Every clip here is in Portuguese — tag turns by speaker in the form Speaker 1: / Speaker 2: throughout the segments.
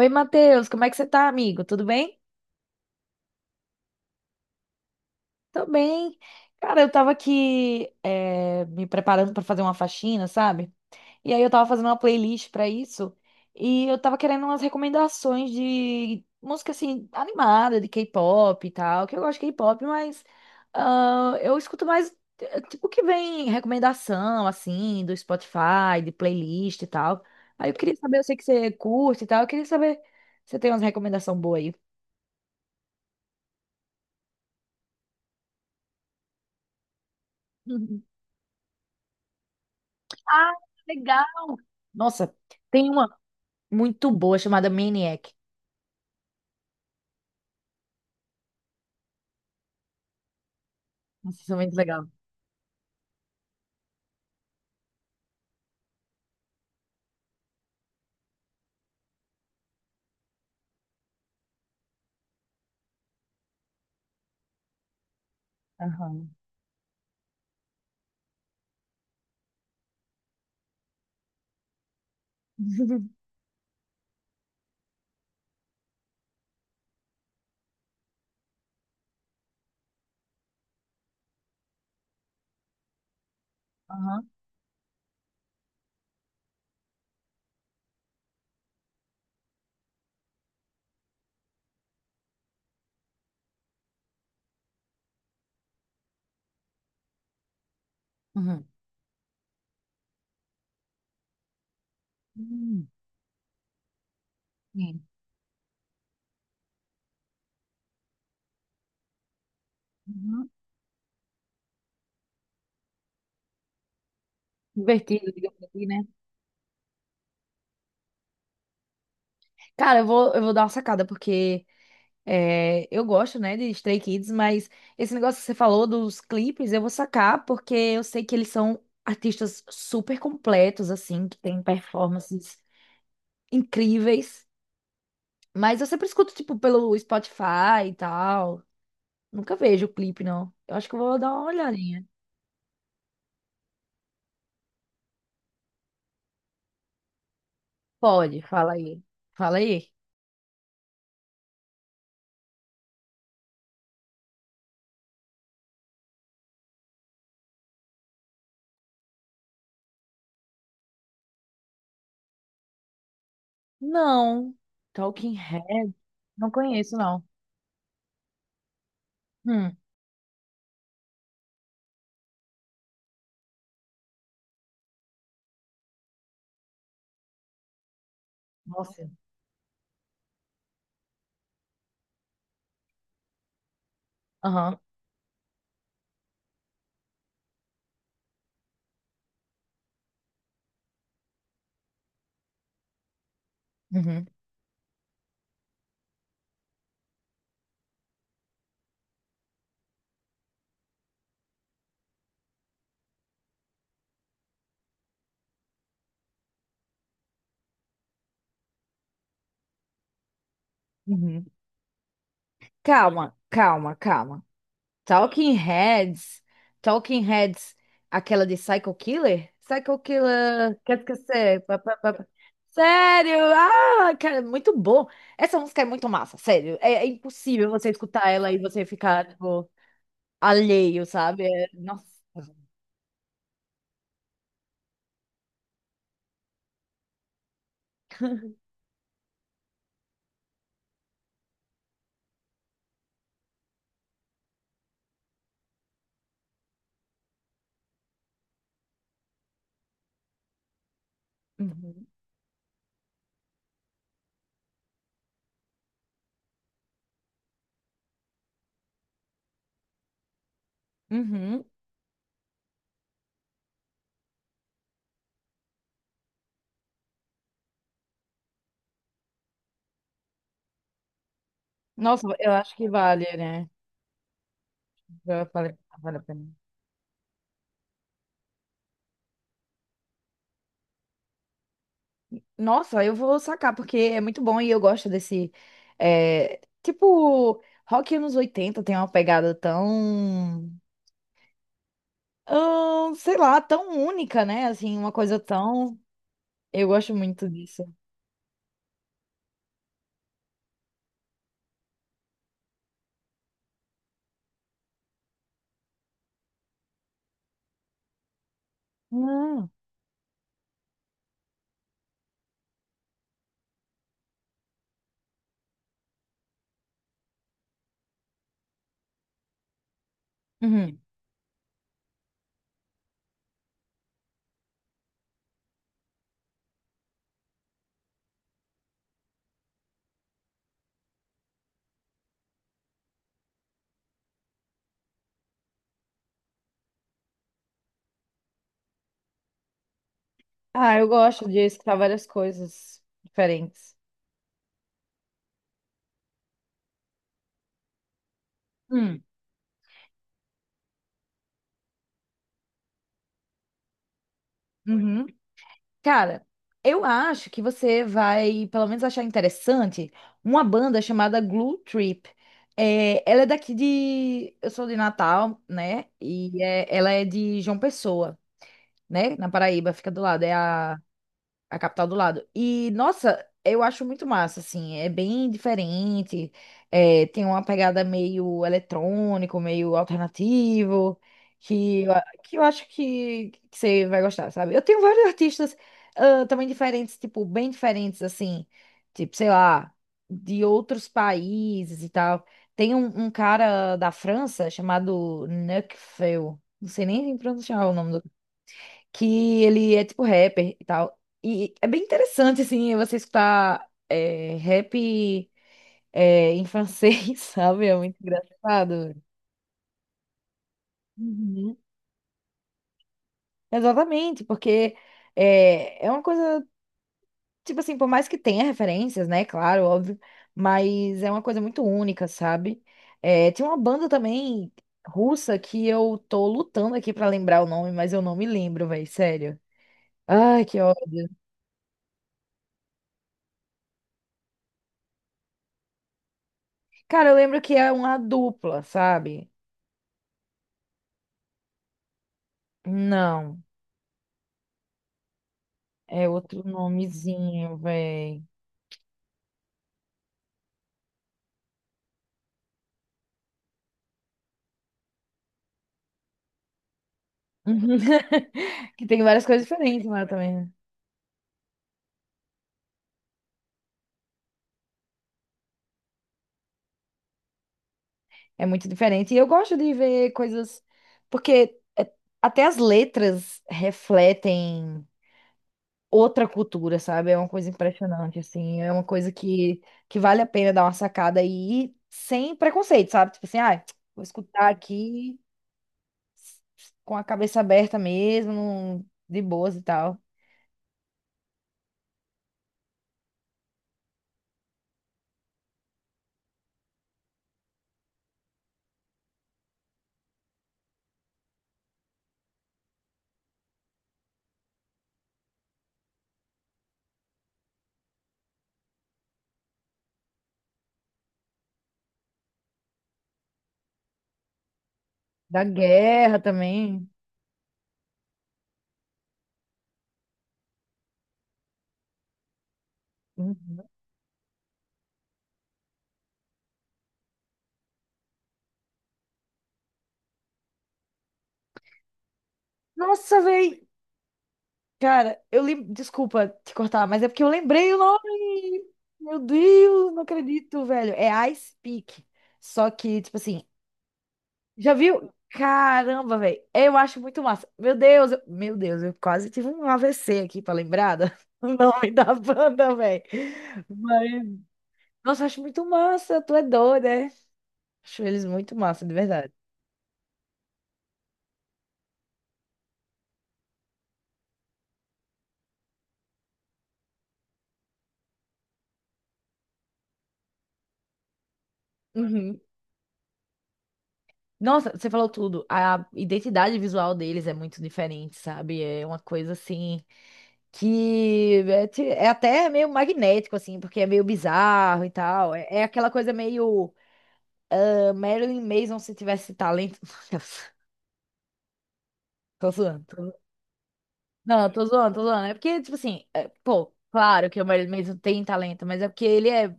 Speaker 1: Oi, Matheus, como é que você tá, amigo? Tudo bem? Tô bem. Cara, eu tava aqui me preparando pra fazer uma faxina, sabe? E aí eu tava fazendo uma playlist pra isso e eu tava querendo umas recomendações de música assim animada, de K-pop e tal, que eu gosto de K-pop, mas ah, eu escuto mais tipo que vem recomendação assim do Spotify, de playlist e tal. Aí eu queria saber, eu sei que você curte e tal, eu queria saber se você tem umas recomendações boas aí. Ah, legal! Nossa, tem uma muito boa chamada Maniac. Nossa, isso é muito legal. Aham, aham, aham. Hum, sim. Uhum. Divertido, digamos assim, né? Cara, eu vou dar uma sacada, porque é, eu gosto, né, de Stray Kids, mas esse negócio que você falou dos clipes, eu vou sacar, porque eu sei que eles são artistas super completos, assim, que têm performances incríveis. Mas eu sempre escuto, tipo, pelo Spotify e tal. Nunca vejo o clipe, não. Eu acho que eu vou dar uma olhadinha. Pode, fala aí. Fala aí. Não. Talking Head. Não conheço, não. Hum. Nossa. Aham. Uhum. Uhum. Calma, calma, calma. Talking Heads. Talking Heads. Aquela de Psycho Killer? Psycho Killer. Quer esquecer? Pá, pá, pá, pá. Sério? Ah, cara, muito bom. Essa música é muito massa, sério. É impossível você escutar ela e você ficar, tipo. Alheio, sabe? Nossa. Uhum. Uhum. Nossa, eu acho que vale, né? Eu falei, vale a pena. Nossa, eu vou sacar, porque é muito bom e eu gosto desse. É, tipo, rock anos 80 tem uma pegada tão. Sei lá, tão única, né? Assim, uma coisa tão. Eu gosto muito disso. Não. Uhum. Ah, eu gosto de escutar várias coisas diferentes. Hum. Uhum. Cara, eu acho que você vai, pelo menos, achar interessante uma banda chamada Glue Trip. É, ela é daqui de. Eu sou de Natal, né? Ela é de João Pessoa, né? Na Paraíba, fica do lado. É a capital do lado. E, nossa, eu acho muito massa, assim. É bem diferente. É, tem uma pegada meio eletrônico, meio alternativo, que eu acho que você vai gostar, sabe? Eu tenho vários artistas também diferentes, tipo, bem diferentes, assim. Tipo, sei lá, de outros países e tal. Tem um cara da França chamado Nekfeu. Não sei nem pronunciar o nome do que ele é tipo rapper e tal. E é bem interessante, assim, você escutar rap em francês, sabe? É muito engraçado. Uhum. Exatamente, porque é uma coisa, tipo assim, por mais que tenha referências, né? Claro, óbvio, mas é uma coisa muito única, sabe? É, tinha uma banda também russa que eu tô lutando aqui pra lembrar o nome, mas eu não me lembro, velho, sério. Ai, que ódio. Cara, eu lembro que é uma dupla, sabe? Não, é outro nomezinho, véi. Que tem várias coisas diferentes lá também, né? É muito diferente. E eu gosto de ver coisas. Porque até as letras refletem outra cultura, sabe? É uma coisa impressionante, assim. É uma coisa que vale a pena dar uma sacada e ir sem preconceito, sabe? Tipo assim, ah, vou escutar aqui com a cabeça aberta mesmo, de boas e tal. Da guerra também. Uhum. Nossa, velho. Cara, desculpa te cortar, mas é porque eu lembrei o nome. Meu Deus, não acredito, velho. É Ice Peak. Só que, tipo assim, já viu? Caramba, velho. Eu acho muito massa. Meu Deus, meu Deus, eu quase tive um AVC aqui pra lembrada. O nome da banda, velho. Mas, nossa, eu acho muito massa. Tu é doida, né? Acho eles muito massa, de verdade. Uhum. Nossa, você falou tudo. A identidade visual deles é muito diferente, sabe? É uma coisa assim que é até meio magnético, assim, porque é meio bizarro e tal. É aquela coisa meio Marilyn Manson se tivesse talento. Tô zoando. Não, tô zoando, tô zoando. É porque, tipo assim, pô, claro que o Marilyn Manson tem talento, mas é porque ele é.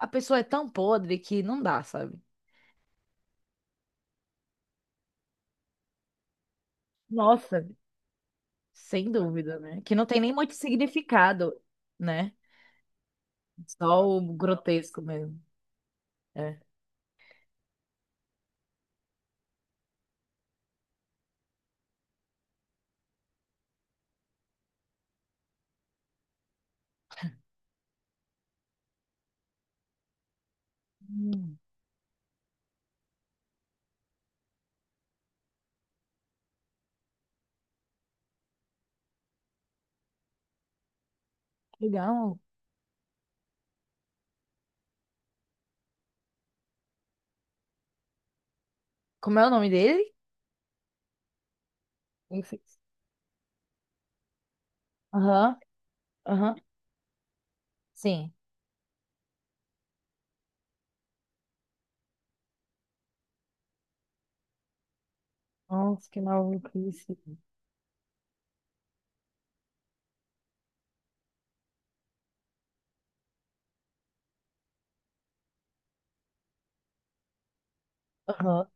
Speaker 1: A pessoa é tão podre que não dá, sabe? Nossa, sem dúvida, né? Que não tem nem muito significado, né? Só o grotesco mesmo. É. Hum, legal. Como é o nome dele? Enfis. Aham, aham. Sim. Nossa, que maluquice. Aham.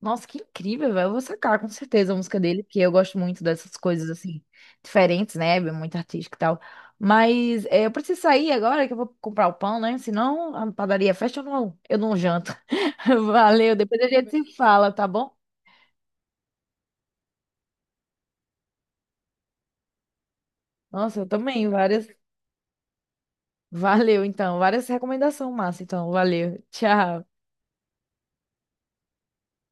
Speaker 1: Nossa, que incrível, velho. Eu vou sacar com certeza a música dele, porque eu gosto muito dessas coisas assim, diferentes, né? É muito artística e tal. Mas eu preciso sair agora que eu vou comprar o pão, né? Senão a padaria fecha, eu não janto. Valeu, depois a gente se fala, tá bom? Nossa, eu também, várias. Valeu, então. Várias recomendações, massa. Então, valeu. Tchau.